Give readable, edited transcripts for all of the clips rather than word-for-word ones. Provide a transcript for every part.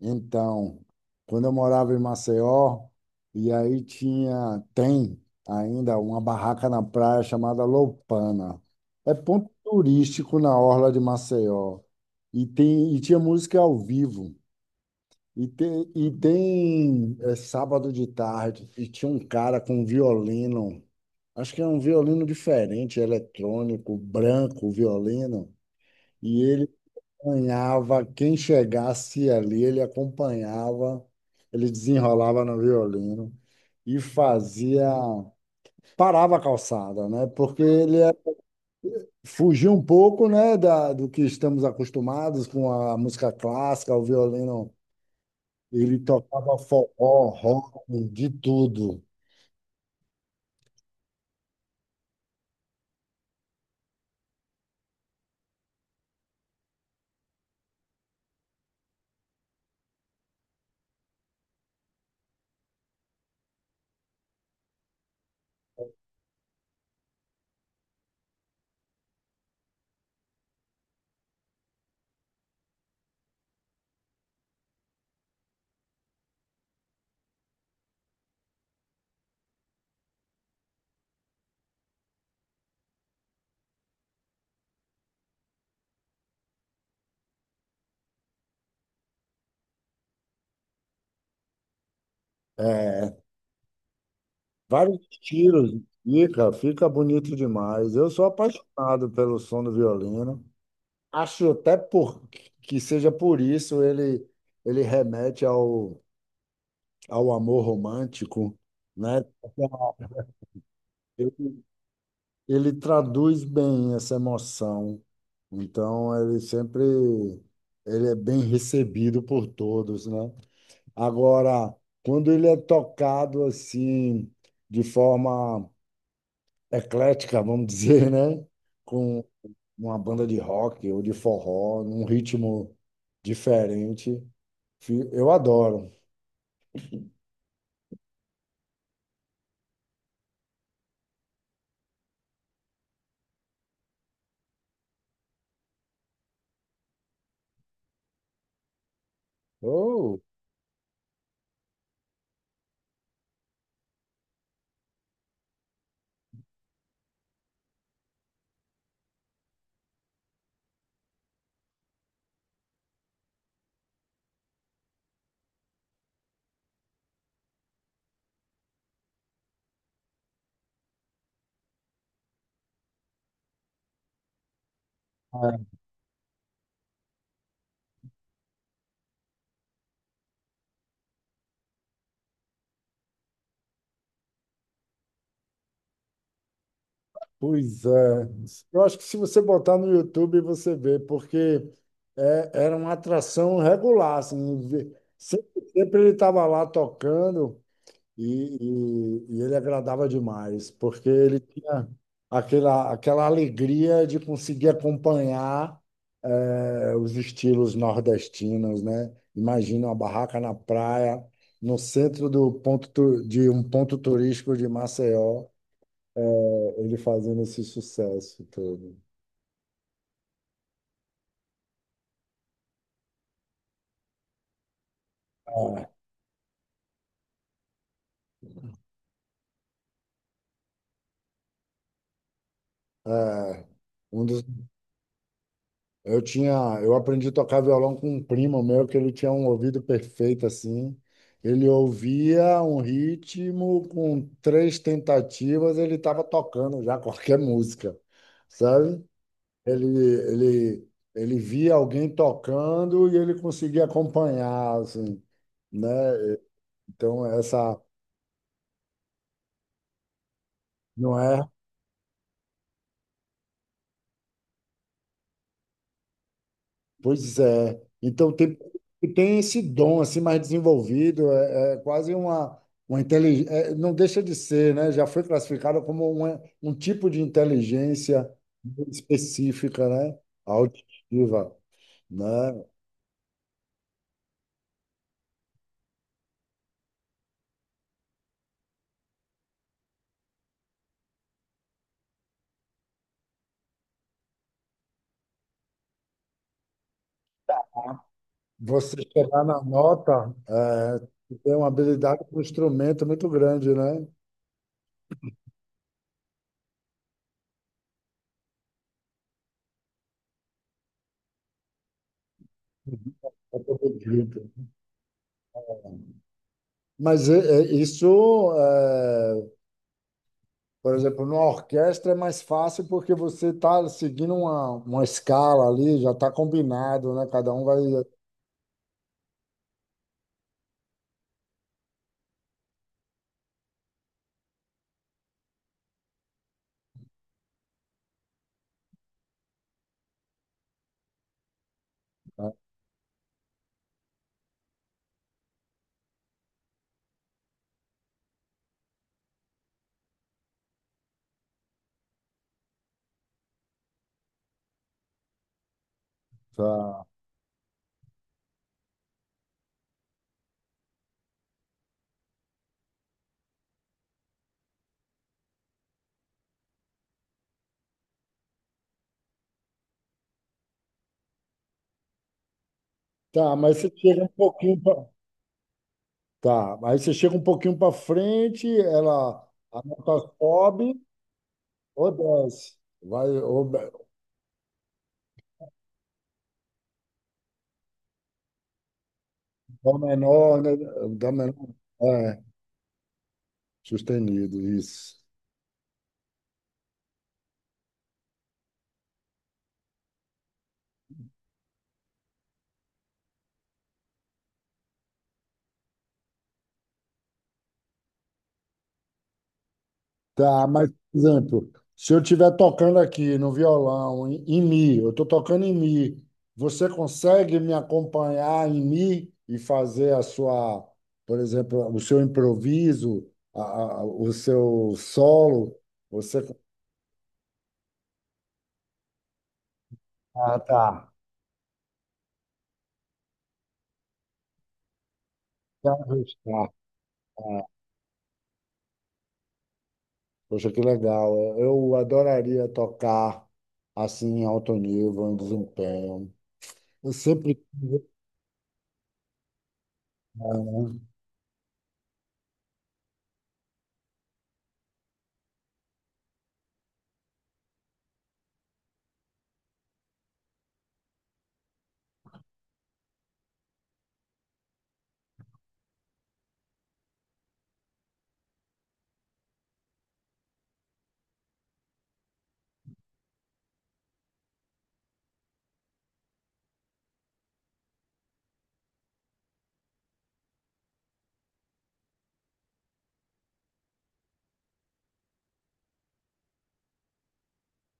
Então, quando eu morava em Maceió, tem ainda uma barraca na praia chamada Loupana. É ponto turístico na orla de Maceió. E tinha música ao vivo. Sábado de tarde, e tinha um cara com um violino. Acho que é um violino diferente, eletrônico, branco, violino. E ele acompanhava, quem chegasse ali, ele acompanhava, ele desenrolava no violino e fazia, parava a calçada, né? Fugia um pouco, né, do que estamos acostumados com a música clássica, o violino, ele tocava forró, rock, de tudo. É, vários estilos, fica bonito demais. Eu sou apaixonado pelo som do violino. Acho até por, que seja por isso ele remete ao, ao amor romântico, né? Ele, ele traduz bem essa emoção. Então, ele sempre ele é bem recebido por todos, né? Agora, quando ele é tocado assim, de forma eclética, vamos dizer, né? Com uma banda de rock ou de forró, num ritmo diferente. Eu adoro. Oh, ah, pois é. Eu acho que se você botar no YouTube, você vê, porque era uma atração regular, assim, sempre ele estava lá tocando. E ele agradava demais, porque ele tinha aquela alegria de conseguir acompanhar os estilos nordestinos, né? Imagina uma barraca na praia, no centro do ponto, de um ponto turístico de Maceió, ele fazendo esse sucesso todo. É, é, um dos Eu tinha, eu aprendi a tocar violão com um primo meu que ele tinha um ouvido perfeito assim. Ele ouvia um ritmo com 3 tentativas, ele estava tocando já qualquer música, sabe? Ele, ele, ele via alguém tocando e ele conseguia acompanhar, assim, né? Então essa não é pois é. Então tem, tem esse dom assim mais desenvolvido, é quase uma inteligência, não deixa de ser, né? Já foi classificada como uma, um tipo de inteligência específica, né? Auditiva, né? Você chegar na nota, é, tem uma habilidade com um instrumento muito grande, né? Pra poder grito. Mas isso é, por exemplo, numa orquestra é mais fácil porque você está seguindo uma escala ali, já está combinado, né? Cada um vai. Né? Tá, tá, mas você chega um pouquinho pra... Tá, aí você chega um pouquinho para frente, ela a nota sobe ou desce. Vai, ou, dó menor, né? Dó menor. É, sustenido, isso. Tá, mas, por exemplo, se eu estiver tocando aqui no violão, em mi, eu estou tocando em mi, você consegue me acompanhar em mi e fazer a sua, por exemplo, o seu improviso, o seu solo? Você... Ah, tá. Tá, tá. Tá. Poxa, que legal. Eu adoraria tocar assim em alto nível, em desempenho. Eu sempre. Quis, né?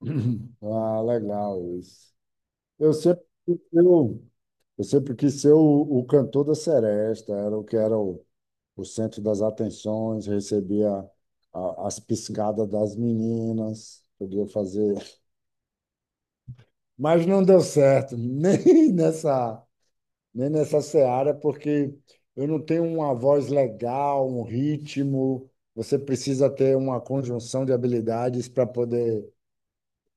Ah, legal isso. Eu sempre quis ser o, eu sempre quis ser o cantor da seresta, era o que era o centro das atenções, recebia as piscadas das meninas, podia fazer. Mas não deu certo, nem nessa, nem nessa seara, porque eu não tenho uma voz legal, um ritmo. Você precisa ter uma conjunção de habilidades para poder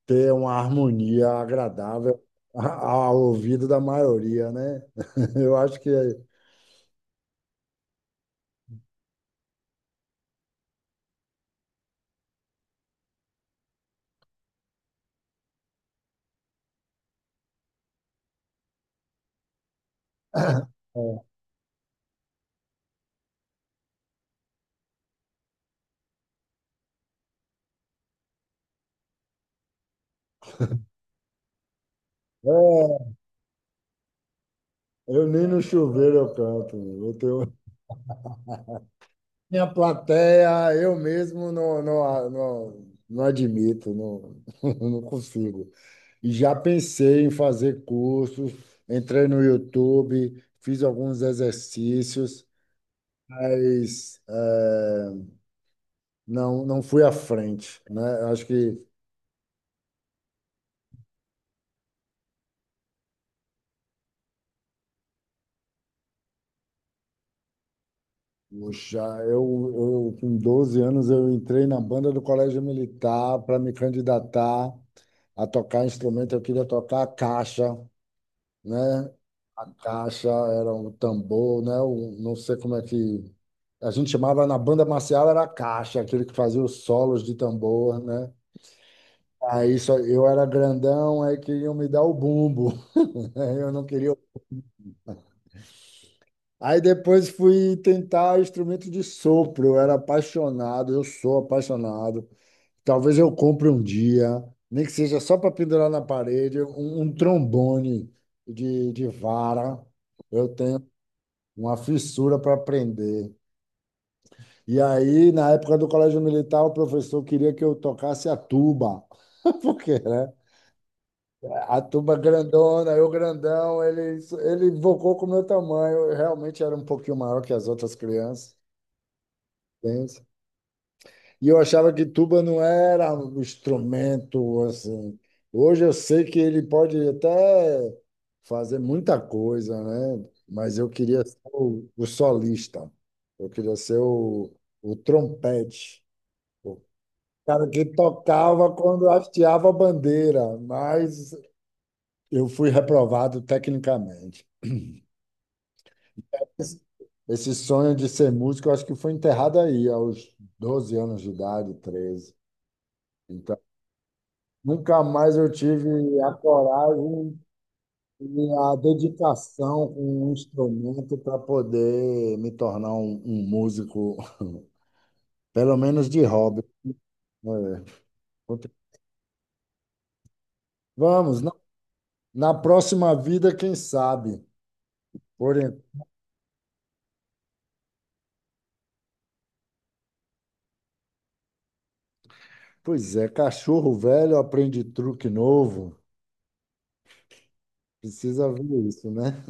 ter uma harmonia agradável ao ouvido da maioria, né? Eu acho que é, É, é, eu nem no chuveiro eu canto. Eu tenho minha plateia, eu mesmo não admito, não, não consigo. E já pensei em fazer cursos, entrei no YouTube, fiz alguns exercícios, mas não fui à frente, né? Acho que puxa, eu com 12 anos eu entrei na banda do Colégio Militar para me candidatar a tocar instrumento. Eu queria tocar a caixa, né? A caixa era um tambor, né? Um, não sei como é que a gente chamava na banda marcial era a caixa, aquele que fazia os solos de tambor, né? Aí só, eu era grandão, aí queriam me dar o bumbo. Eu não queria. Aí depois fui tentar instrumento de sopro. Eu era apaixonado, eu sou apaixonado. Talvez eu compre um dia, nem que seja só para pendurar na parede, um trombone de vara. Eu tenho uma fissura para aprender. E aí, na época do colégio militar, o professor queria que eu tocasse a tuba. Porque, né? A tuba grandona, eu grandão, ele invocou com o meu tamanho. Eu realmente era um pouquinho maior que as outras crianças. Entende? E eu achava que tuba não era um instrumento assim. Hoje eu sei que ele pode até fazer muita coisa, né? Mas eu queria ser o solista. Eu queria ser o trompete. O cara que tocava quando hasteava a bandeira, mas eu fui reprovado tecnicamente. Esse esse sonho de ser músico, eu acho que foi enterrado aí, aos 12 anos de idade, 13 então nunca mais eu tive a coragem e a dedicação com um instrumento para poder me tornar um músico, pelo menos de hobby. É. Vamos, na, na próxima vida, quem sabe? Por, en- pois é, cachorro velho aprende truque novo. Precisa ver isso, né?